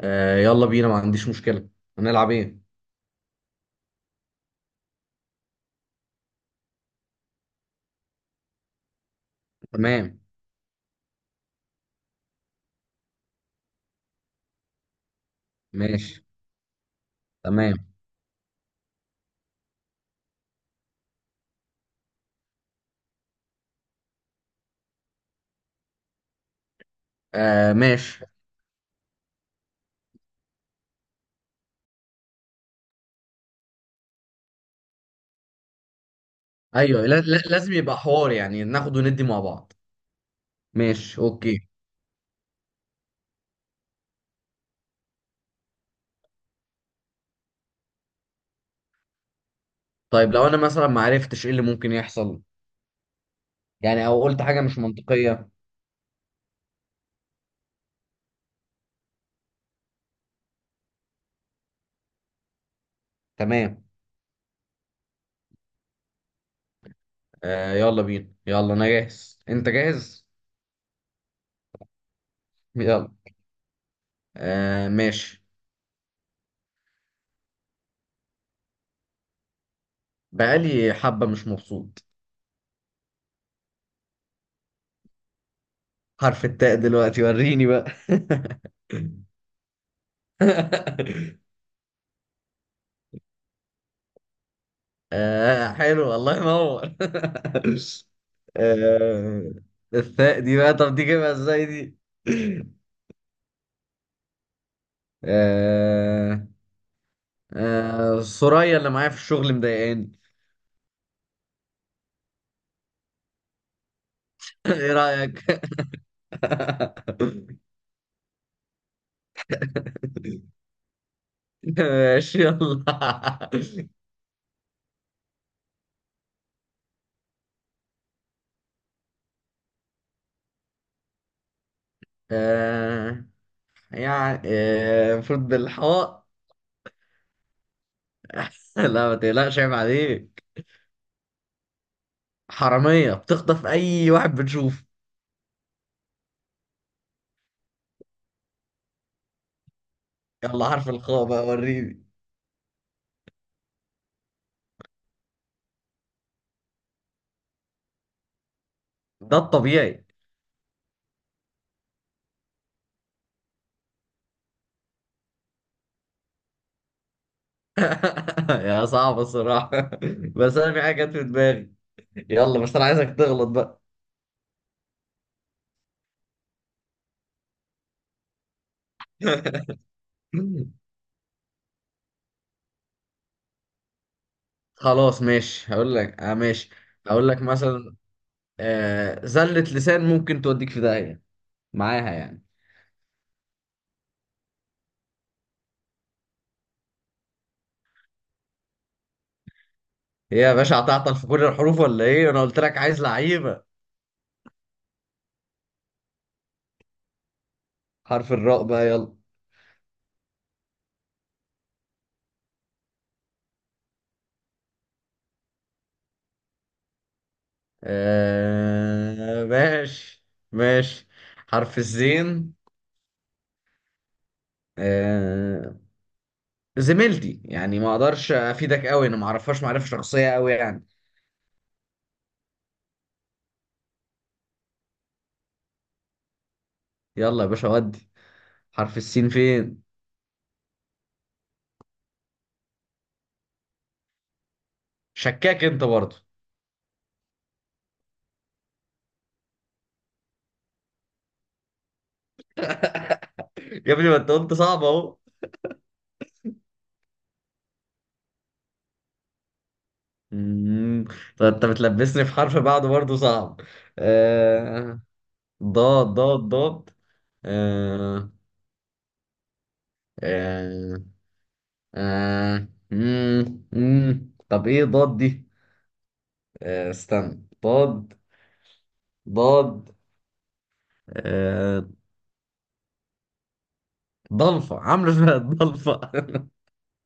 آه يلا بينا، ما عنديش مشكلة. هنلعب ايه؟ تمام. ماشي، تمام. آه ماشي. ايوه، لا لا، لازم يبقى حوار، يعني ناخد وندي مع بعض. ماشي، اوكي. طيب لو انا مثلا ما عرفتش ايه اللي ممكن يحصل، يعني او قلت حاجة مش منطقية. تمام. آه يلا بينا، يلا، انا جاهز، انت جاهز؟ يلا. آه ماشي. بقالي حبة مش مبسوط. حرف التاء دلوقتي، وريني بقى. آه، حلو، الله ينور. آه. الثاء دي بقى، طب دي جايبها ازاي دي؟ آه. آه، سوريا اللي معايا في الشغل مضايقاني. ايه رأيك؟ ماشي، يلا. آه يعني، المفروض بالحاء. لا، ما تقلقش، عيب عليك. حرامية بتخطف أي واحد بتشوفه. يلا، حرف الخاء بقى، وريني. ده الطبيعي. يا صعب الصراحة. بس أنا في حاجة جت في دماغي. يلا، بس أنا عايزك تغلط بقى. خلاص، ماشي، هقول لك. آه ماشي. هقول لك مثلا. زلة لسان ممكن توديك في داهية معاها، يعني. هي يا باشا هتعطل في كل الحروف ولا إيه؟ أنا قلت لك عايز لعيبة. حرف الراء بقى، يلا. آه ماشي. ماشي. حرف الزين. آه. زميلتي، يعني ما اقدرش افيدك قوي، انا ما اعرفهاش معرفه شخصيه قوي، يعني. يلا يا باشا، ودي. حرف السين فين؟ شكاك انت برضه. يا ابني، ما انت قلت صعب اهو. مم. طب انت بتلبسني في حرف بعده برضه صعب. آه... ضاد ضاد ضاد. آه... آه... مم. مم. طب ايه ضاد دي؟ استنى، ضاد. ضاد. آه... ضلفة عاملة فيها ضلفة.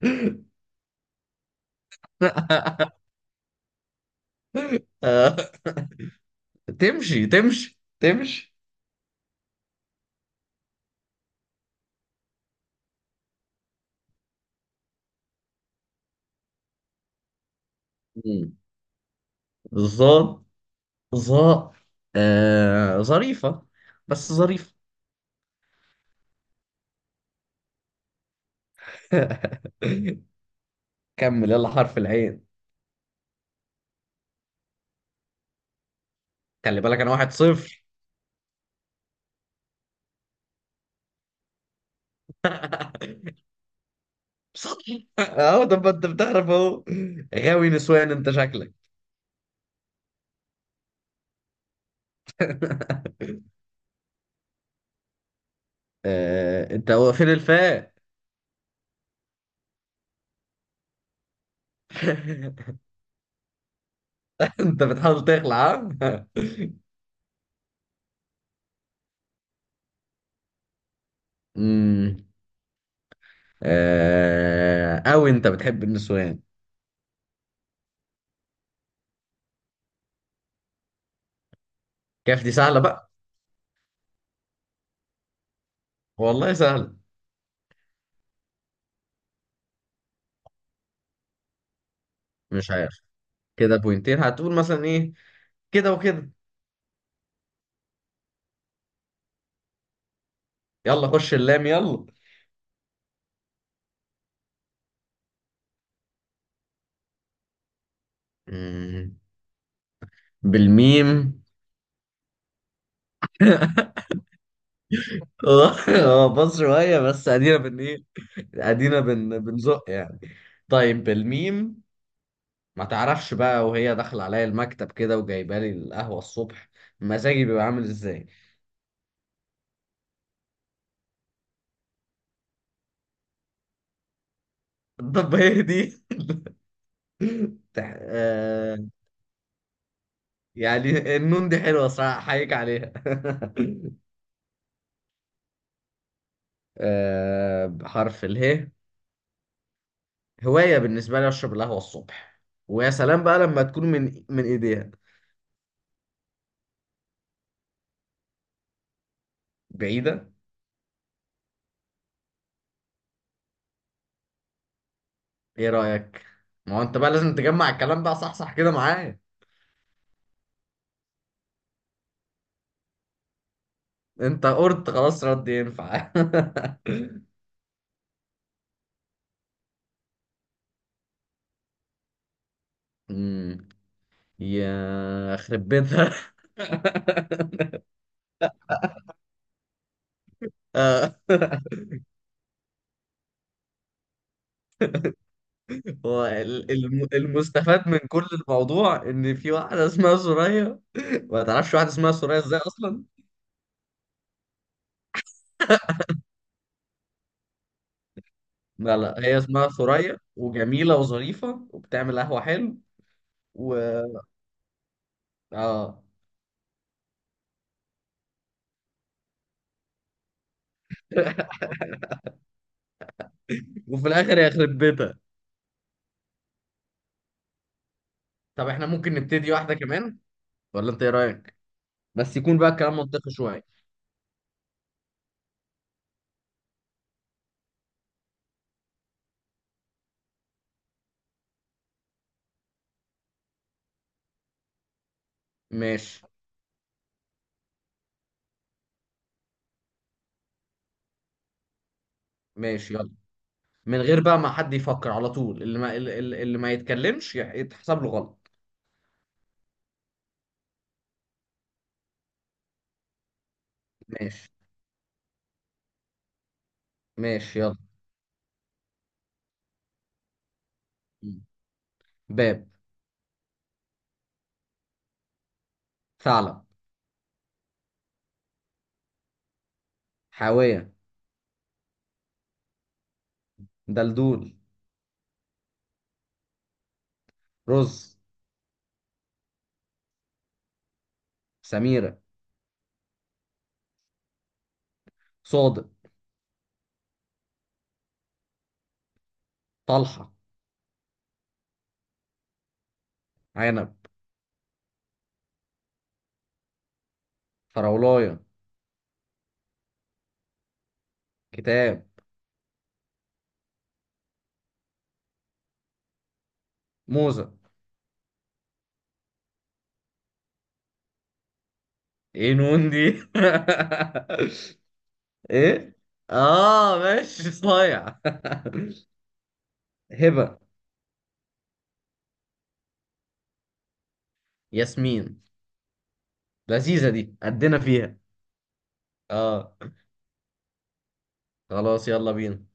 آه... تمشي تمشي تمشي. مم. ضاد. ظا. ظريفة. بس ظريفة. كمل، يلا، حرف العين. خلي بالك، انا واحد صفر. صح، اهو، طب ما انت بتعرف اهو. غاوي نسوان انت شكلك. انت، هو فين الفاء؟ انت بتحاول تخلع. ها. امم اوي انت بتحب النسوان. كيف دي سهلة بقى. والله سهلة. مش عارف. كده بوينتين هتقول مثلا ايه؟ كده وكده. يلا، خش اللام. يلا، بالميم. اه اه، بص شوية، بس ادينا بن ايه. ادينا بن بنزق، يعني. طيب بالميم. ما تعرفش بقى وهي داخلة عليا المكتب كده وجايبه لي القهوة الصبح، مزاجي بيبقى عامل ازاي؟ طب هي دي. تح... آه يعني النون دي حلوة صراحة، احييك عليها. بحرف اله، هواية بالنسبة لي اشرب القهوة الصبح، ويا سلام بقى لما تكون من ايديها. بعيدة. ايه رأيك؟ ما هو انت بقى لازم تجمع الكلام ده، صح صح كده معايا. انت قرد خلاص، رد ينفع. أمم، يا خرب بيتها. آه، هو المستفاد من كل الموضوع ان في واحده اسمها سوريا. ما تعرفش واحده اسمها سوريا ازاي اصلا. لا لا، هي اسمها سوريا وجميله وظريفه وبتعمل قهوه حلو. و اه وفي الاخر هي خرب بيتها. طب احنا ممكن نبتدي واحده كمان، ولا انت ايه رايك؟ بس يكون بقى الكلام منطقي شويه. ماشي، ماشي، يلا. من غير بقى ما حد يفكر على طول، اللي ما يتكلمش يتحسب له غلط. ماشي، ماشي، يلا. باب. ثعلب. حاوية. دلدول. رز. سميرة. صادق. طلحة. عنب. فراولاية. كتاب. موزة. ايه نون دي؟ ايه. اه ماشي، صايع. هبة. ياسمين. لذيذة دي، قدنا فيها. اه، خلاص، يلا بينا.